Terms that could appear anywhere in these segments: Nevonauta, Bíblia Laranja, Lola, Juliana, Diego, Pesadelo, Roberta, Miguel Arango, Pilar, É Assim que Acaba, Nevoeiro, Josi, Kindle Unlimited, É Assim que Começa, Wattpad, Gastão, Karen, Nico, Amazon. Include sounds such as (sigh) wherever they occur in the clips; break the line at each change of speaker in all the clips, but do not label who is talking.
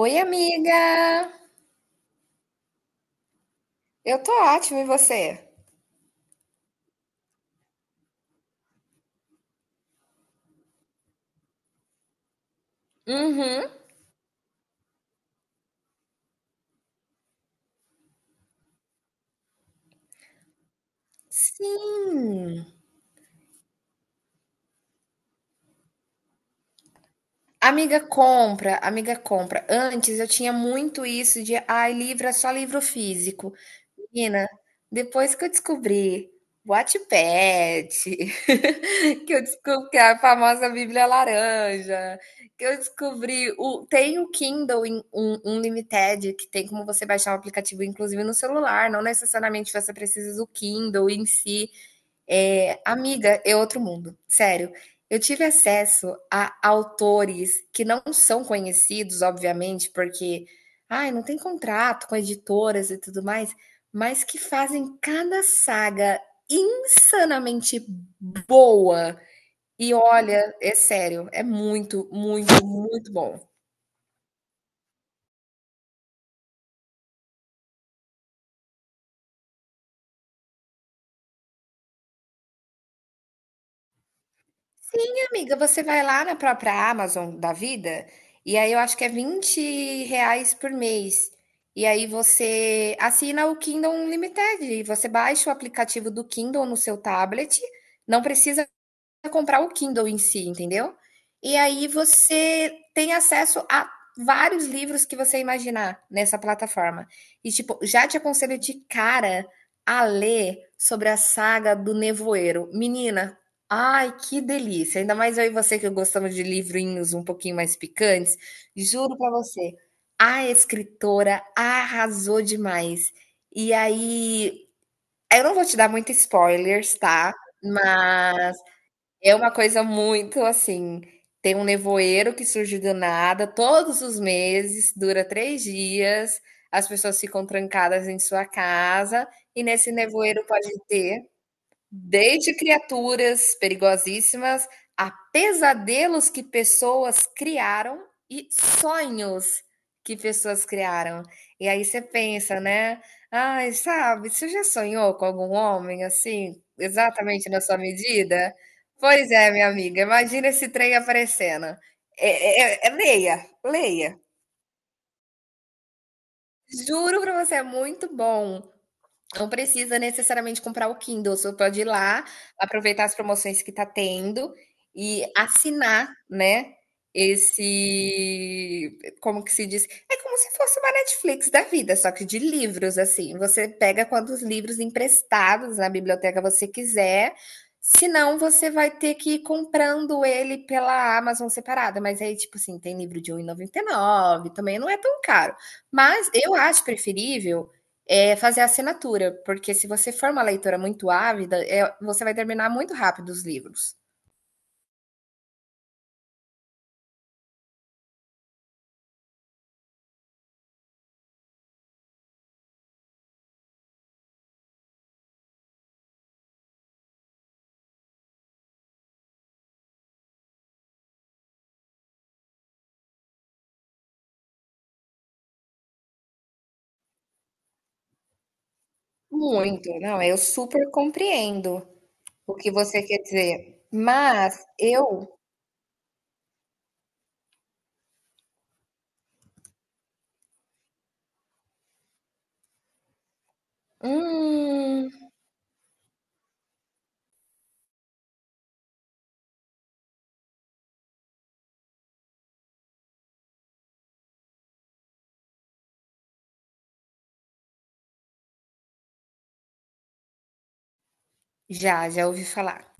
Oi, amiga! Eu tô ótima, e você? Uhum. Sim. Amiga compra, amiga compra. Antes eu tinha muito isso de, ai, livro é só livro físico. Menina, depois que eu descobri Wattpad, (laughs) que eu descobri que é a famosa Bíblia Laranja, que eu descobri o tem o Kindle Unlimited, que tem como você baixar um aplicativo inclusive no celular, não necessariamente você precisa do Kindle em si. É, amiga, é outro mundo, sério. Eu tive acesso a autores que não são conhecidos, obviamente, porque ai, não tem contrato com editoras e tudo mais, mas que fazem cada saga insanamente boa. E olha, é sério, é muito, muito, muito bom. Sim, amiga, você vai lá na própria Amazon da vida, e aí eu acho que é 20 reais por mês. E aí você assina o Kindle Unlimited, e você baixa o aplicativo do Kindle no seu tablet, não precisa comprar o Kindle em si, entendeu? E aí você tem acesso a vários livros que você imaginar nessa plataforma. E, tipo, já te aconselho de cara a ler sobre a saga do Nevoeiro. Menina, ai, que delícia! Ainda mais eu e você, que gostamos de livrinhos um pouquinho mais picantes. Juro pra você, a escritora arrasou demais. E aí, eu não vou te dar muito spoilers, tá? Mas é uma coisa muito assim. Tem um nevoeiro que surge do nada todos os meses, dura 3 dias, as pessoas ficam trancadas em sua casa, e nesse nevoeiro pode ter desde criaturas perigosíssimas a pesadelos que pessoas criaram e sonhos que pessoas criaram. E aí você pensa, né? Ai, sabe, você já sonhou com algum homem assim, exatamente na sua medida? Pois é, minha amiga, imagina esse trem aparecendo. Leia, leia. Juro pra você, é muito bom. Não precisa necessariamente comprar o Kindle, você pode ir lá, aproveitar as promoções que está tendo e assinar, né, esse, como que se diz? É como se fosse uma Netflix da vida, só que de livros, assim. Você pega quantos livros emprestados na biblioteca você quiser, senão você vai ter que ir comprando ele pela Amazon separada. Mas aí, tipo assim, tem livro de R$ 1,99, também não é tão caro. Mas eu acho preferível é fazer a assinatura, porque se você for uma leitora muito ávida, você vai terminar muito rápido os livros. Muito, não, eu super compreendo o que você quer dizer. Mas eu, hum, já ouvi falar.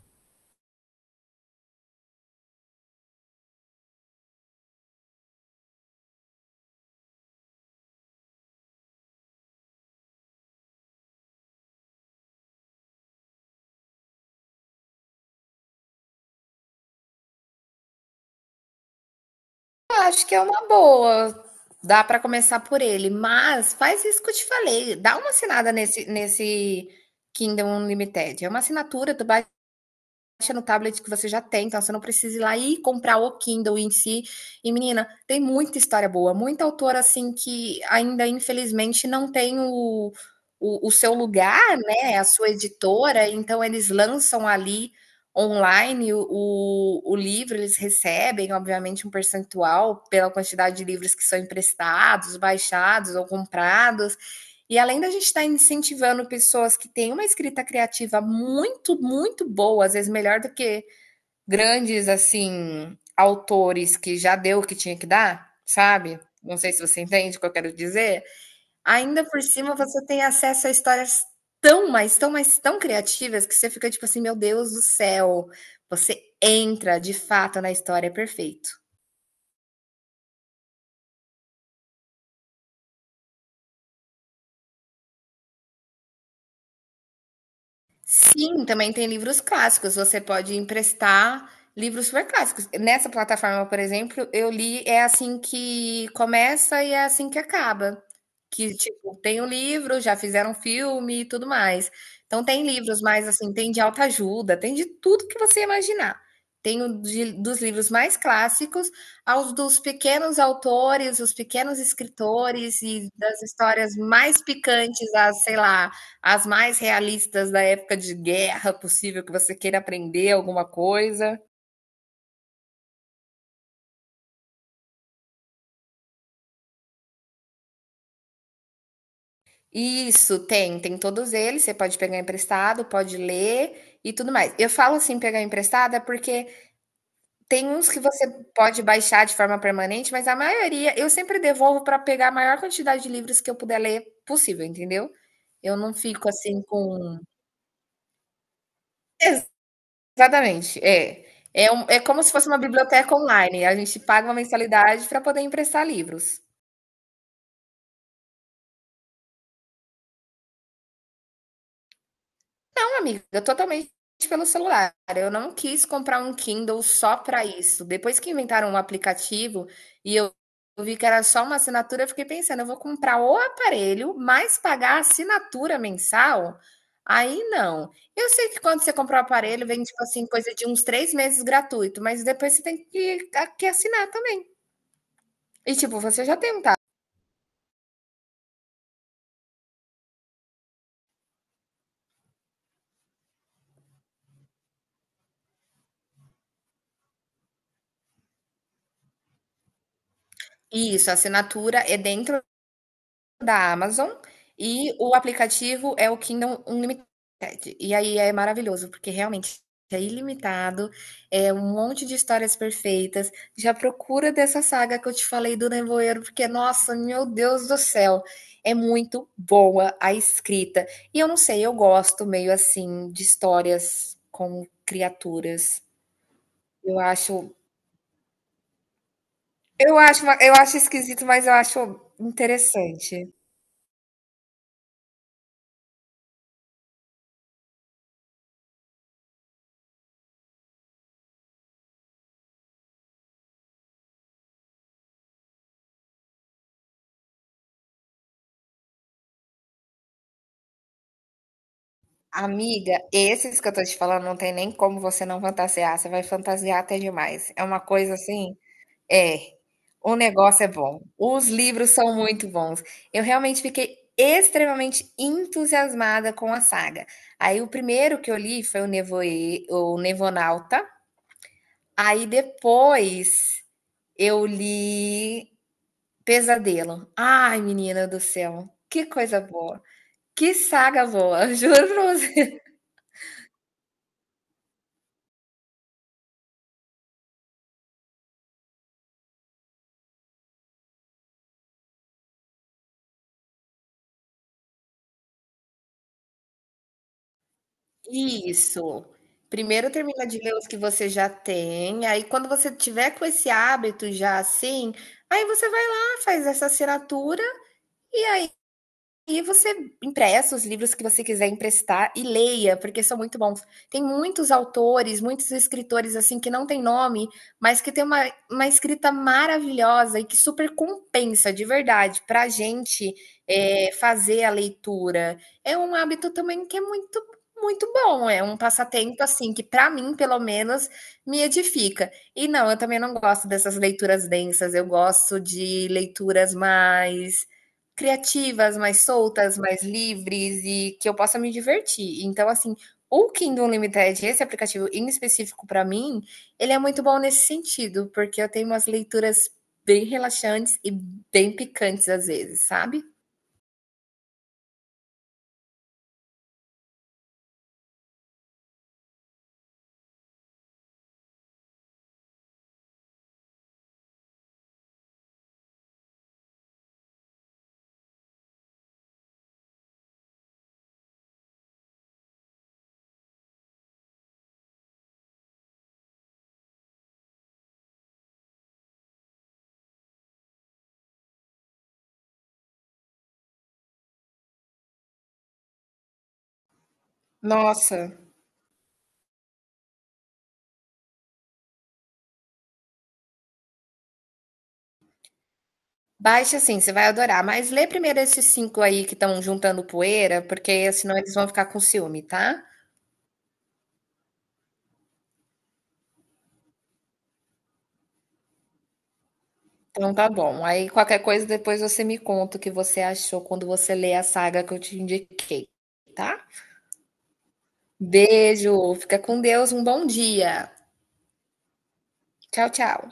Eu acho que é uma boa, dá para começar por ele, mas faz isso que eu te falei, dá uma assinada nesse Kindle Unlimited, é uma assinatura, tu vai no tablet que você já tem, então você não precisa ir lá e comprar o Kindle em si. E menina, tem muita história boa, muita autora assim que ainda infelizmente não tem o seu lugar, né? A sua editora, então eles lançam ali online o livro, eles recebem, obviamente, um percentual pela quantidade de livros que são emprestados, baixados ou comprados. E além da gente estar incentivando pessoas que têm uma escrita criativa muito, muito boa, às vezes melhor do que grandes, assim, autores que já deu o que tinha que dar, sabe? Não sei se você entende o que eu quero dizer. Ainda por cima, você tem acesso a histórias tão, mas tão, mas tão criativas que você fica tipo assim, meu Deus do céu. Você entra de fato na história, é perfeito. Sim, também tem livros clássicos. Você pode emprestar livros super clássicos. Nessa plataforma, por exemplo, eu li É Assim que Começa e É Assim que Acaba. Que, tipo, tem o livro, já fizeram filme e tudo mais. Então tem livros mais, assim, tem de autoajuda, tem de tudo que você imaginar. Tem o de dos livros mais clássicos aos dos pequenos autores, os pequenos escritores e das histórias mais picantes, as sei lá, as mais realistas da época de guerra possível que você queira aprender alguma coisa. Isso, tem, tem todos eles, você pode pegar emprestado, pode ler e tudo mais. Eu falo assim, pegar emprestado, é porque tem uns que você pode baixar de forma permanente, mas a maioria eu sempre devolvo para pegar a maior quantidade de livros que eu puder ler possível, entendeu? Eu não fico assim com. Exatamente, é. É, é como se fosse uma biblioteca online. A gente paga uma mensalidade para poder emprestar livros. Não, amiga, totalmente pelo celular. Eu não quis comprar um Kindle só para isso. Depois que inventaram um aplicativo e eu vi que era só uma assinatura, eu fiquei pensando, eu vou comprar o aparelho, mas pagar a assinatura mensal? Aí não. Eu sei que quando você compra o aparelho, vem, tipo assim, coisa de uns 3 meses gratuito, mas depois você tem que assinar também. E, tipo, você já tem um tablet. Isso, a assinatura é dentro da Amazon e o aplicativo é o Kindle Unlimited. E aí é maravilhoso, porque realmente é ilimitado, é um monte de histórias perfeitas. Já procura dessa saga que eu te falei do Nevoeiro, porque, nossa, meu Deus do céu, é muito boa a escrita. E eu não sei, eu gosto meio assim de histórias com criaturas. Eu acho, eu acho esquisito, mas eu acho interessante. Amiga, esses que eu tô te falando não tem nem como você não fantasiar, você vai fantasiar até demais. É uma coisa assim é, o negócio é bom, os livros são muito bons. Eu realmente fiquei extremamente entusiasmada com a saga. Aí o primeiro que eu li foi o Nevoe o Nevonauta, aí depois eu li Pesadelo. Ai, menina do céu, que coisa boa, que saga boa, (laughs) juro pra você. Isso. Primeiro termina de ler os que você já tem, aí quando você tiver com esse hábito já assim, aí você vai lá, faz essa assinatura e e você empresta os livros que você quiser emprestar e leia, porque são muito bons. Tem muitos autores, muitos escritores assim que não tem nome, mas que tem uma escrita maravilhosa e que super compensa de verdade para a gente fazer a leitura. É um hábito também que é muito, muito bom. É um passatempo assim que para mim, pelo menos, me edifica. E não, eu também não gosto dessas leituras densas. Eu gosto de leituras mais criativas, mais soltas, mais livres e que eu possa me divertir. Então, assim, o Kindle Unlimited, esse aplicativo em específico para mim, ele é muito bom nesse sentido, porque eu tenho umas leituras bem relaxantes e bem picantes às vezes, sabe? Nossa. Baixa assim, você vai adorar. Mas lê primeiro esses cinco aí que estão juntando poeira, porque senão eles vão ficar com ciúme, tá? Então tá bom. Aí qualquer coisa depois você me conta o que você achou quando você lê a saga que eu te indiquei, tá? Beijo, fica com Deus, um bom dia. Tchau, tchau.